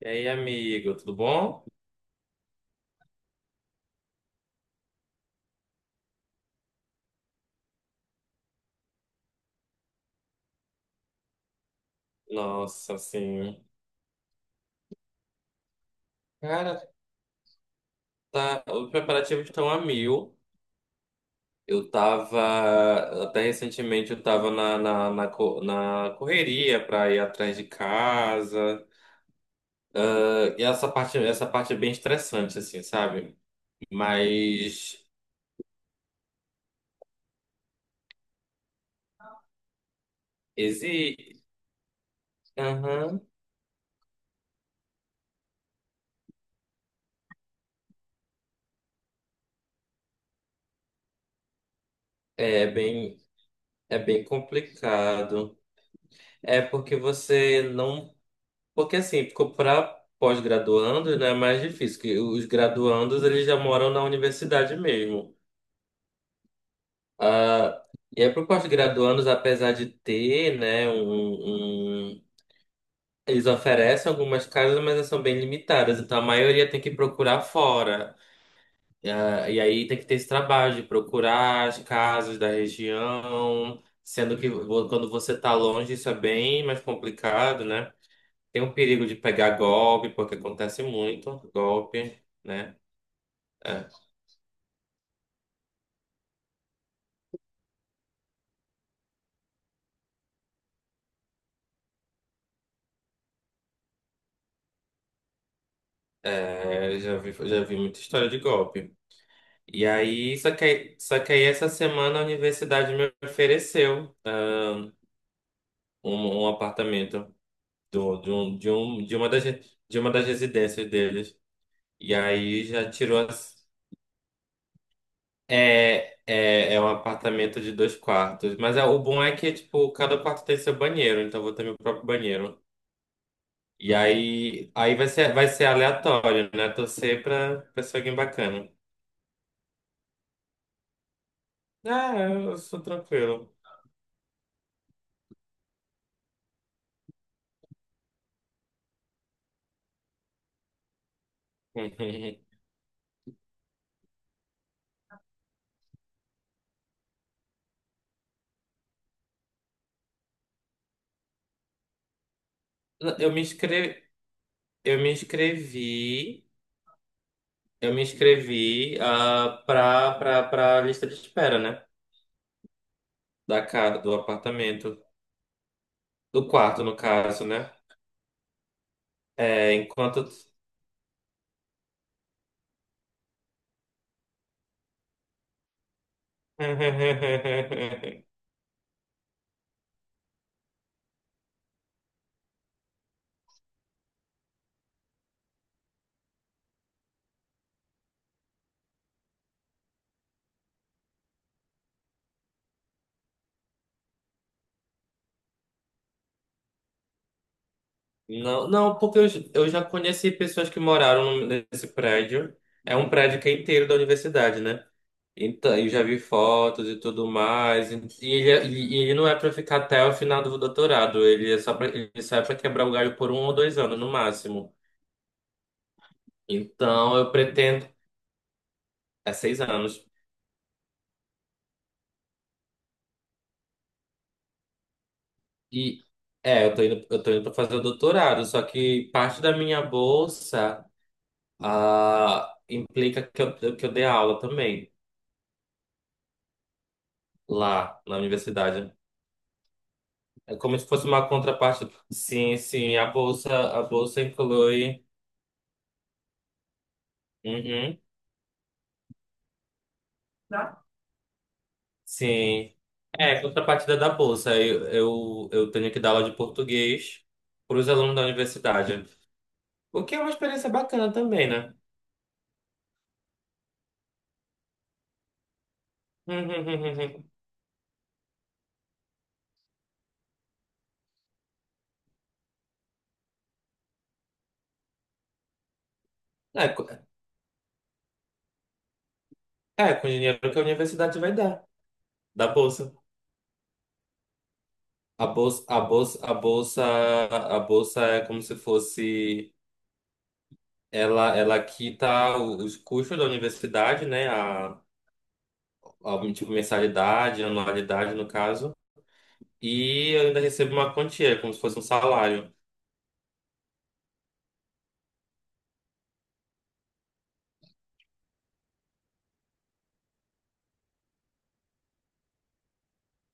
E aí, amigo, tudo bom? Nossa, assim, cara, tá, os preparativos estão a mil. Eu tava, até recentemente, eu tava na correria pra ir atrás de casa. E essa parte é bem estressante, assim, sabe? Mas existe. É bem, é bem complicado. É porque você não Porque assim, para pós-graduandos, né, é mais difícil, que os graduandos eles já moram na universidade mesmo. Ah, e aí para os pós-graduandos, apesar de ter, né, eles oferecem algumas casas, mas elas são bem limitadas. Então a maioria tem que procurar fora. Ah, e aí tem que ter esse trabalho de procurar as casas da região, sendo que quando você está longe isso é bem mais complicado, né? Tem um perigo de pegar golpe, porque acontece muito golpe, né? É, já vi muita história de golpe. E aí, só que aí essa semana a universidade me ofereceu, né, um apartamento do, de, um, de, um, de, uma das, de uma das residências deles. E aí já tirou as. É um apartamento de dois quartos. Mas é, o bom é que, tipo, cada quarto tem seu banheiro, então eu vou ter meu próprio banheiro. E aí, vai ser aleatório, né? Torcer pra ser alguém bacana. Ah, eu sou tranquilo. Eu me inscrevi, eu me inscrevi, eu me inscrevi ah, pra lista de espera, né? Da casa, do apartamento. Do quarto, no caso, né? É, enquanto. Não, não, porque eu já conheci pessoas que moraram nesse prédio. É um prédio que é inteiro da universidade, né? Então, eu já vi fotos e tudo mais. E ele não é para ficar até o final do doutorado. Ele só é para quebrar o galho por 1 ou 2 anos no máximo. Então, eu pretendo. É 6 anos. E eu tô indo para fazer o doutorado. Só que parte da minha bolsa implica que eu dê aula também lá na universidade. É como se fosse uma contraparte. Sim, sim. A bolsa inclui. Uhum. Sim. É, contrapartida da bolsa. Eu tenho que dar aula de português para os alunos da universidade. O que é uma experiência bacana também, né? É, co- é, com o dinheiro que a universidade vai dar, da bolsa. A bolsa, a bolsa, a bolsa, a bolsa é como se fosse, ela quita os custos da universidade, né? A tipo mensalidade, anualidade no caso. E eu ainda recebo uma quantia, como se fosse um salário.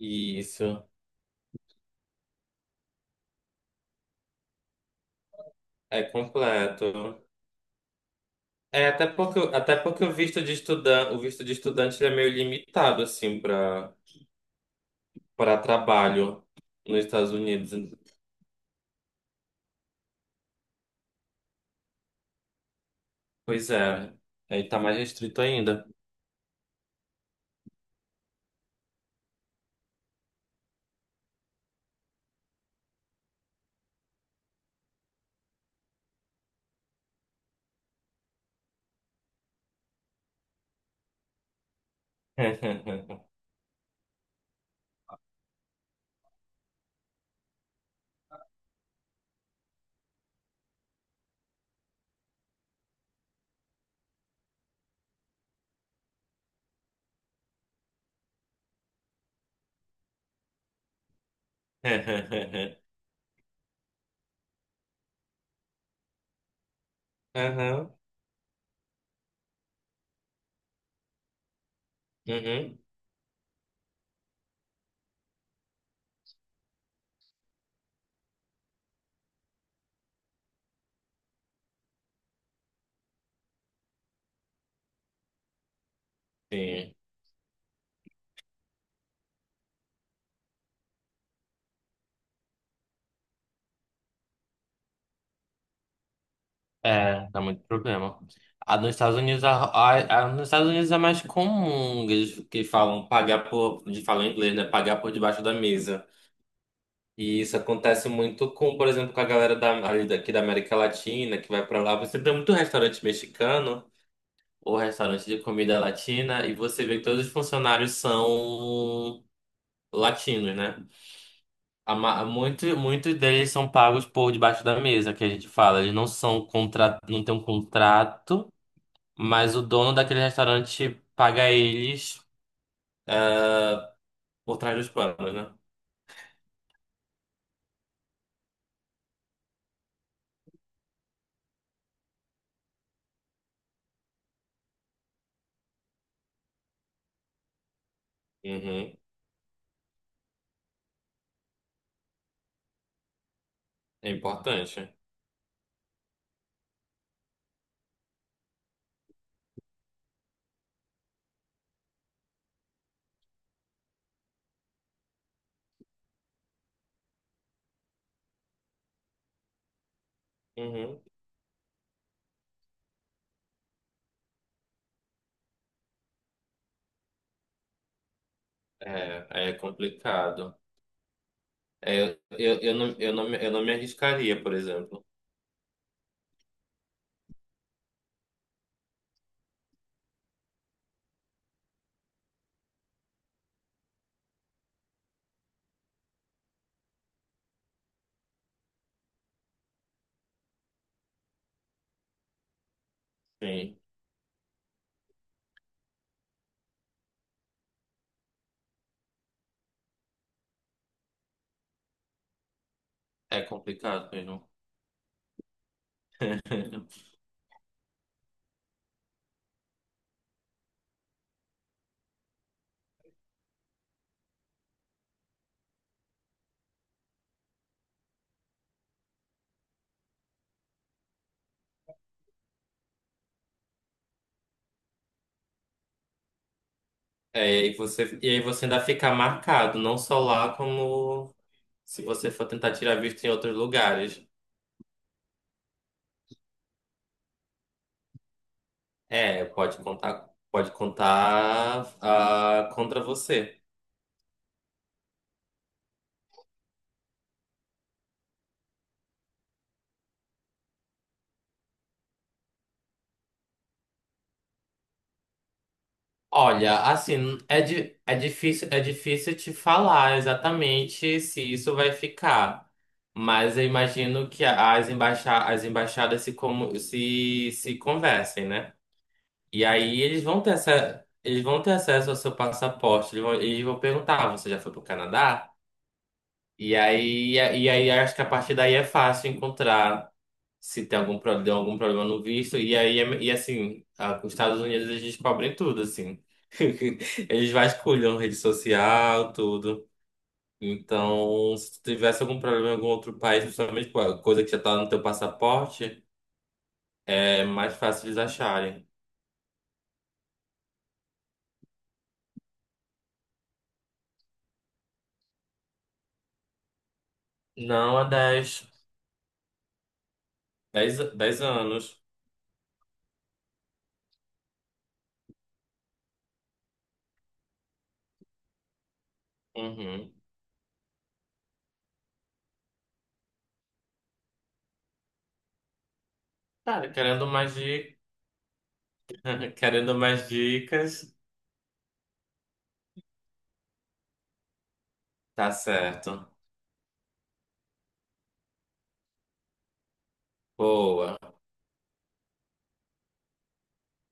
Isso. É completo. É, até porque o visto de estudante ele é meio limitado, assim, para trabalho nos Estados Unidos. Pois é, aí tá mais restrito ainda. Aham, uhum, sim. É, dá muito problema. A nos Estados Unidos, a- nos Estados Unidos é mais comum que eles que falam pagar por, de falar em inglês, né? Pagar por debaixo da mesa. E isso acontece muito com, por exemplo, com a galera ali daqui da América Latina, que vai pra lá. Você tem muito restaurante mexicano ou restaurante de comida latina, e você vê que todos os funcionários são latinos, né? Muitos deles são pagos por debaixo da mesa, que a gente fala. Eles não são contra, não tem um contrato, mas o dono daquele restaurante paga eles por trás dos panos, né? Uhum. É importante. Uhum. É complicado. É, eu não me arriscaria, por exemplo. Sim, é complicado mesmo. É, e aí você ainda fica marcado, não só lá, como se você for tentar tirar visto em outros lugares. É, pode contar contra você. Olha, assim, é difícil te falar exatamente se isso vai ficar, mas eu imagino que as embaixadas se, como se conversem, né? E aí eles vão ter acesso ao seu passaporte, eles vão perguntar, "Ah, você já foi para o Canadá? E aí, acho que a partir daí é fácil encontrar se tem algum problema, deu algum problema no visto. E aí, e assim, os Estados Unidos eles descobrem tudo, assim. Eles vasculham rede social, tudo. Então, se tu tivesse algum problema em algum outro país, principalmente com a coisa que já tá no teu passaporte, é mais fácil eles acharem. Não, há dez anos. Uhum. Cara, querendo mais dicas, querendo mais dicas, tá certo. Boa.